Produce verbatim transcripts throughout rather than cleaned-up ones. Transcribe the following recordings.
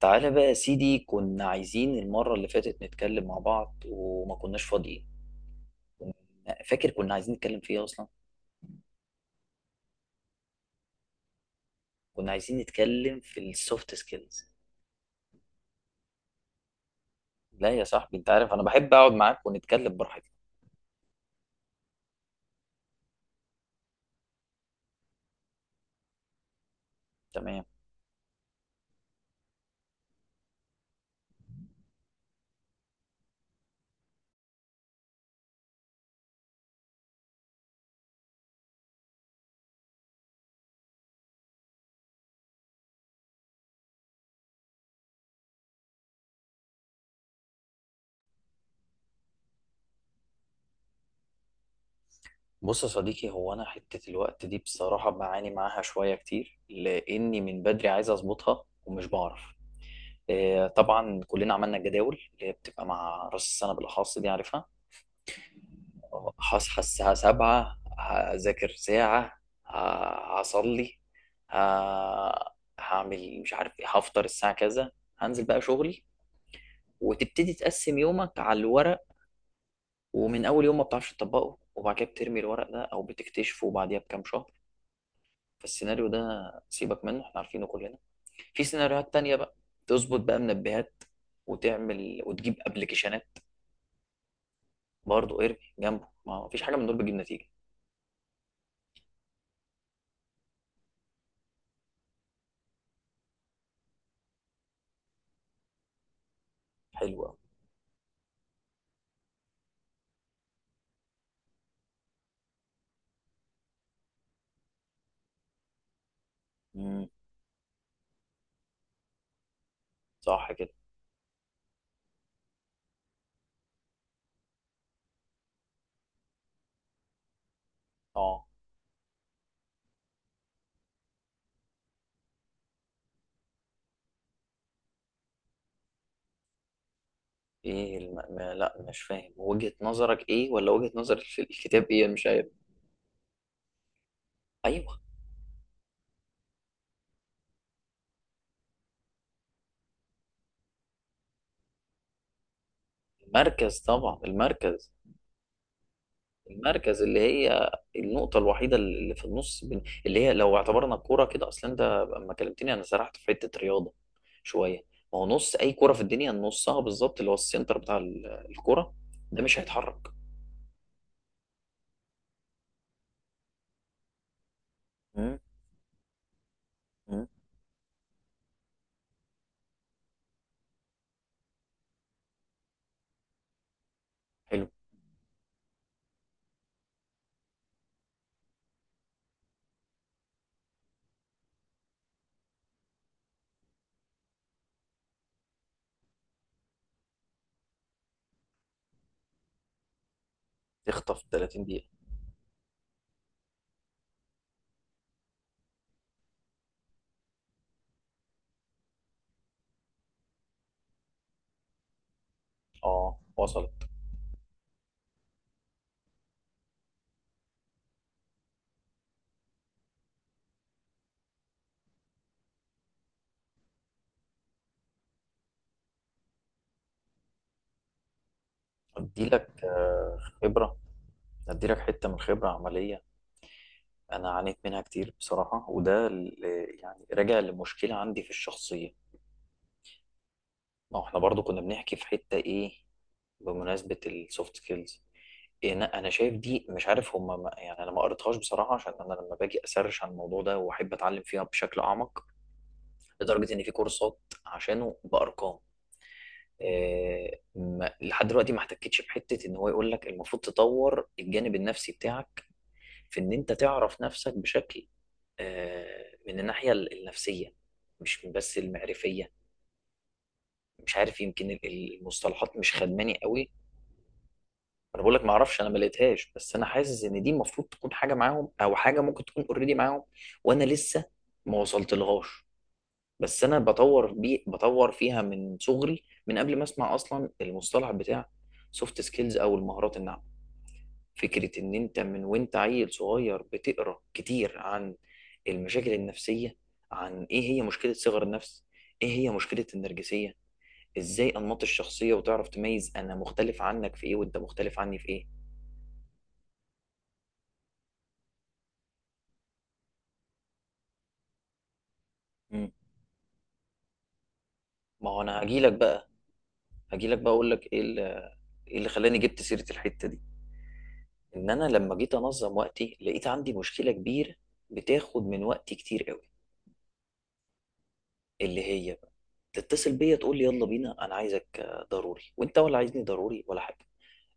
تعالى بقى يا سيدي، كنا عايزين المرة اللي فاتت نتكلم مع بعض وما كناش فاضيين. كنا- فاكر كنا عايزين نتكلم في ايه اصلا. كنا عايزين نتكلم في السوفت سكيلز. لا يا صاحبي، انت عارف انا بحب اقعد معاك ونتكلم براحتنا. تمام. بص يا صديقي، هو انا حتة الوقت دي بصراحة بعاني معاها شوية كتير، لاني من بدري عايز اظبطها ومش بعرف. آه، طبعا كلنا عملنا الجداول اللي هي بتبقى مع راس السنة، بالاخص دي عارفها. هصحى الساعة سبعة، هذاكر ساعة. ه- هصلي. ه- هعمل مش عارف ايه، هفطر الساعة كذا، هنزل بقى شغلي. وتبتدي تقسم يومك على الورق، ومن أول يوم ما بتعرفش تطبقه، وبعد كده بترمي الورق ده أو بتكتشفه بعديها بكام شهر. فالسيناريو ده سيبك منه، احنا عارفينه كلنا. في سيناريوهات تانية بقى، تظبط بقى منبهات، وتعمل وتجيب ابلكيشنات، برضه ارمي جنبه، ما فيش حاجة من دول بتجيب نتيجة. حلو أوي. مم، صح كده. اه، ايه الم... ما... لا، مش فاهم وجهة نظرك ايه، ولا وجهة نظر الف- الكتاب ايه، أنا مش عارف. ايوه، المركز طبعا المركز. المركز اللي هي النقطة الوحيدة اللي في النص، بين... اللي هي لو اعتبرنا الكورة كده اصلا. انت لما كلمتني انا سرحت في حتة رياضة شوية. ما هو نص اي كورة في الدنيا نصها بالظبط، اللي هو السنتر بتاع ال- الكورة، ده مش هيتحرك. مم. مم. حلو. تخطف 30 دقيقة. اه وصلت. ادي لك خبرة، ادي لك حتة من خبرة عملية. انا عانيت منها كتير بصراحه، وده ال- يعني راجع لمشكله عندي في الشخصيه. ما هو احنا برضو كنا بنحكي في حته ايه، بمناسبه السوفت سكيلز. انا انا شايف دي مش عارف هما ما يعني، انا ما قريتهاش بصراحه، عشان انا لما باجي اسرش عن الموضوع ده واحب اتعلم فيها بشكل اعمق، لدرجه ان في كورسات عشانه بارقام. إيه، ما لحد دلوقتي ما احتكتش بحته ان هو يقول لك المفروض تطور الجانب النفسي بتاعك، في ان انت تعرف نفسك بشكل، آه، من الناحية ال- النفسية، مش من بس المعرفية. مش عارف، يمكن ال- ال- المصطلحات مش خدماني قوي. انا بقول لك ما اعرفش، انا ما لقيتهاش، بس انا حاسس ان دي المفروض تكون حاجة معاهم، او حاجة ممكن تكون اوريدي معاهم. وانا لسه ما وصلت لغاش. بس انا بطور بي بطور فيها من صغري، من قبل ما اسمع اصلا المصطلح بتاع سوفت سكيلز او المهارات الناعمة. فكرة إن أنت من وأنت عيل صغير بتقرأ كتير عن المشاكل النفسية، عن إيه هي مشكلة صغر النفس، إيه هي مشكلة النرجسية، إزاي أنماط الشخصية، وتعرف تميز أنا مختلف عنك في إيه وأنت مختلف عني في إيه. مم. ما هو أنا هجيلك بقى، هجيلك بقى أقول لك إيه اللي، إيه اللي خلاني جبت سيرة الحتة دي. إن أنا لما جيت أنظم وقتي لقيت عندي مشكلة كبيرة بتاخد من وقتي كتير قوي. اللي هي بقى، تتصل بيا تقول لي يلا بينا، انا عايزك آه، ضروري، وانت ولا عايزني ضروري ولا حاجه.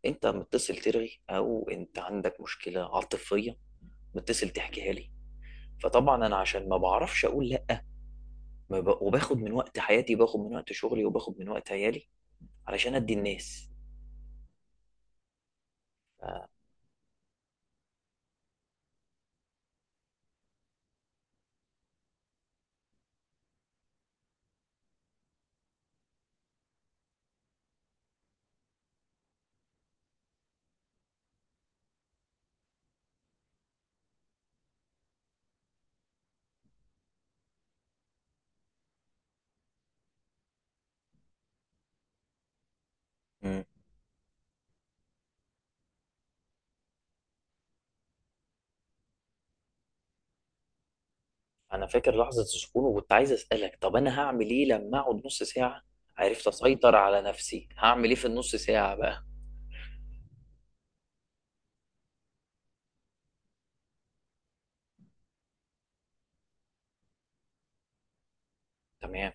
انت متصل ترغي، او انت عندك مشكله عاطفيه، متصل تحكيها لي. فطبعا انا عشان ما بعرفش اقول لا، ما ب... وباخد من وقت حياتي، وباخد من وقت شغلي، وباخد من وقت عيالي، علشان ادي الناس. ف... مم. انا فاكر لحظه السكون، وكنت عايز اسالك، طب انا هعمل ايه لما اقعد نص ساعه عرفت اسيطر على نفسي، هعمل ايه في النص ساعه بقى؟ تمام.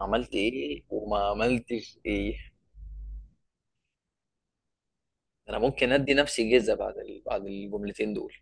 عملت ايه وما عملتش ايه. انا ممكن ادي نفسي جيزه بعد ال... بعد الجملتين دول.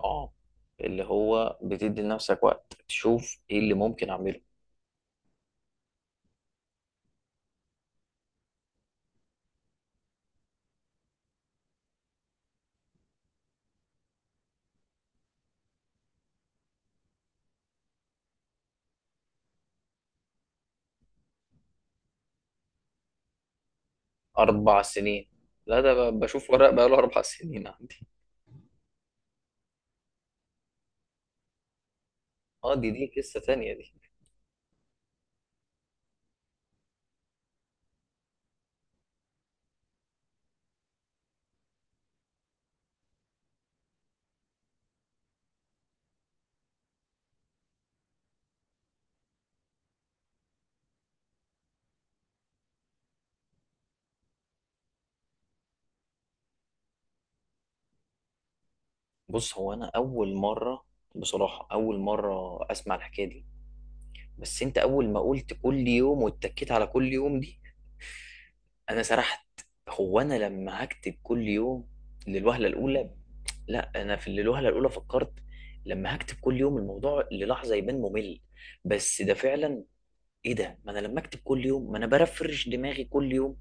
اه، اللي هو بتدي لنفسك وقت تشوف ايه اللي ممكن اعمله. اربع سنين. لا، ده ب- بشوف ورق بقاله اربع سنين عندي. اه، دي دي قصة تانية دي. بص، هو انا اول مرة بصراحة، اول مرة اسمع الحكاية دي. بس انت اول ما قلت كل يوم، واتكيت على كل يوم دي، انا سرحت. هو انا لما هكتب كل يوم للوهله الاولى، لا انا في الوهله الاولى فكرت لما هكتب كل يوم الموضوع للحظه يبان ممل. بس ده فعلا ايه ده، ما انا لما اكتب كل يوم ما انا برفرش دماغي كل يوم،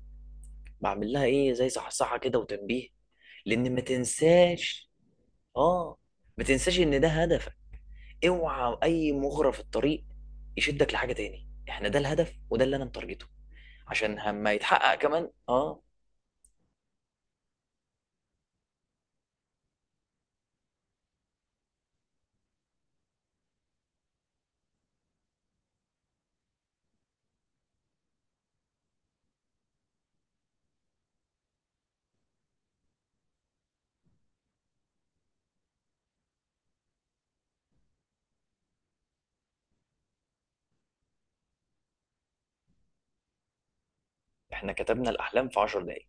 بعمل لها ايه زي صحصحه كده وتنبيه لان ما تنساش. اه، ما تنساش ان ده هدفك، اوعى اي مغرى في الطريق يشدك لحاجه تاني، احنا ده الهدف وده اللي انا متارجته عشان لما يتحقق. كمان اه. احنا كتبنا الاحلام في 10 دقايق،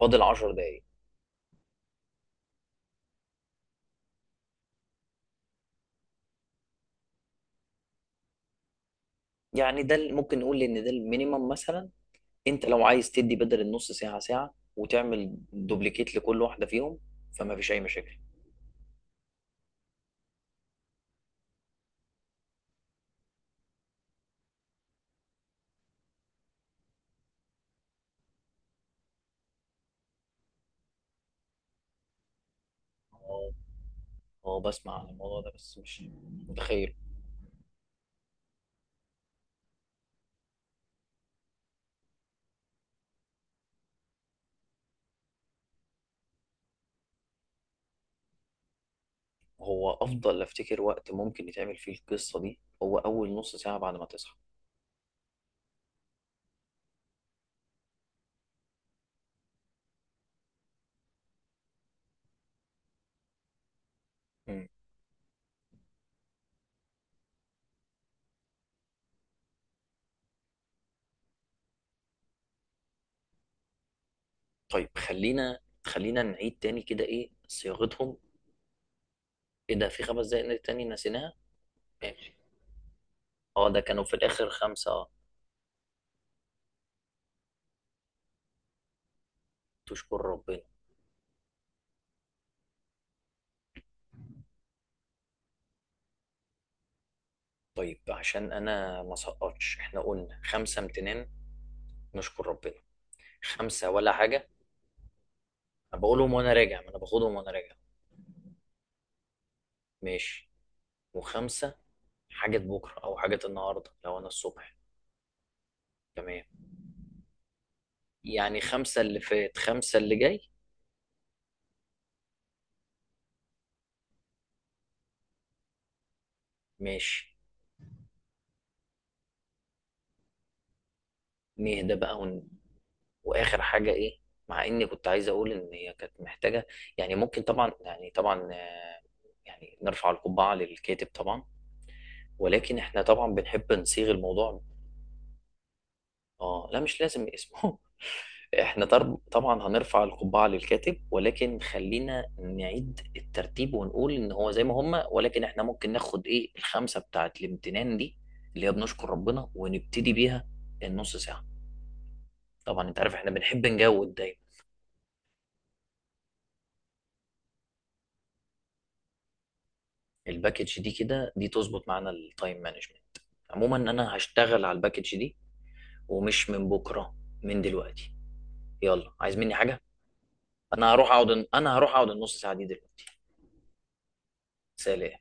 فاضل 10 دقايق. يعني ده ال- ممكن نقول ان ده المينيمم مثلا. انت لو عايز تدي بدل النص ساعه ساعه، وتعمل دوبليكيت لكل واحده فيهم، فما فيش اي مشاكل. اه، آه، بسمع عن الموضوع ده بس مش متخيل. هو افضل افتكر وقت ممكن يتعمل فيه القصه دي هو اول نص ساعه بعد ما تصحى. مم. طيب خلينا خلينا نعيد تاني كده ايه صياغتهم. ايه ده، في خمس دقايق تاني نسيناها. ماشي. اه، ده كانوا في الاخر خمسه اه. تشكر ربنا. طيب عشان انا ما سقطش، احنا قلنا خمسه امتنان، نشكر ربنا. خمسه ولا حاجه. انا بقولهم وانا راجع، ما انا باخدهم وانا راجع. ماشي. وخمسه حاجه بكره او حاجه النهارده لو انا الصبح. تمام. يعني خمسه اللي فات خمسه اللي جاي. ماشي. نهدى بقى ون... واخر حاجه ايه. مع اني كنت عايز اقول ان هي كانت محتاجه، يعني ممكن طبعا، يعني طبعا آه، يعني نرفع القبعه للكاتب طبعا، ولكن احنا طبعا بنحب نصيغ الموضوع. اه لا، مش لازم اسمه احنا طر- طبعا هنرفع القبعة للكاتب، ولكن خلينا نعيد الترتيب ونقول ان هو زي ما هما، ولكن احنا ممكن ناخد ايه الخمسة بتاعت الامتنان دي اللي هي بنشكر ربنا، ونبتدي بيها النص ساعة. طبعا انت عارف احنا بنحب نجود دايما. الباكج دي كده دي تظبط معانا التايم مانجمنت. عموما انا هشتغل على الباكج دي، ومش من بكرة، من دلوقتي. يلا، عايز مني حاجة؟ انا هروح اقعد، انا هروح اقعد النص ساعة دي دلوقتي. سلام.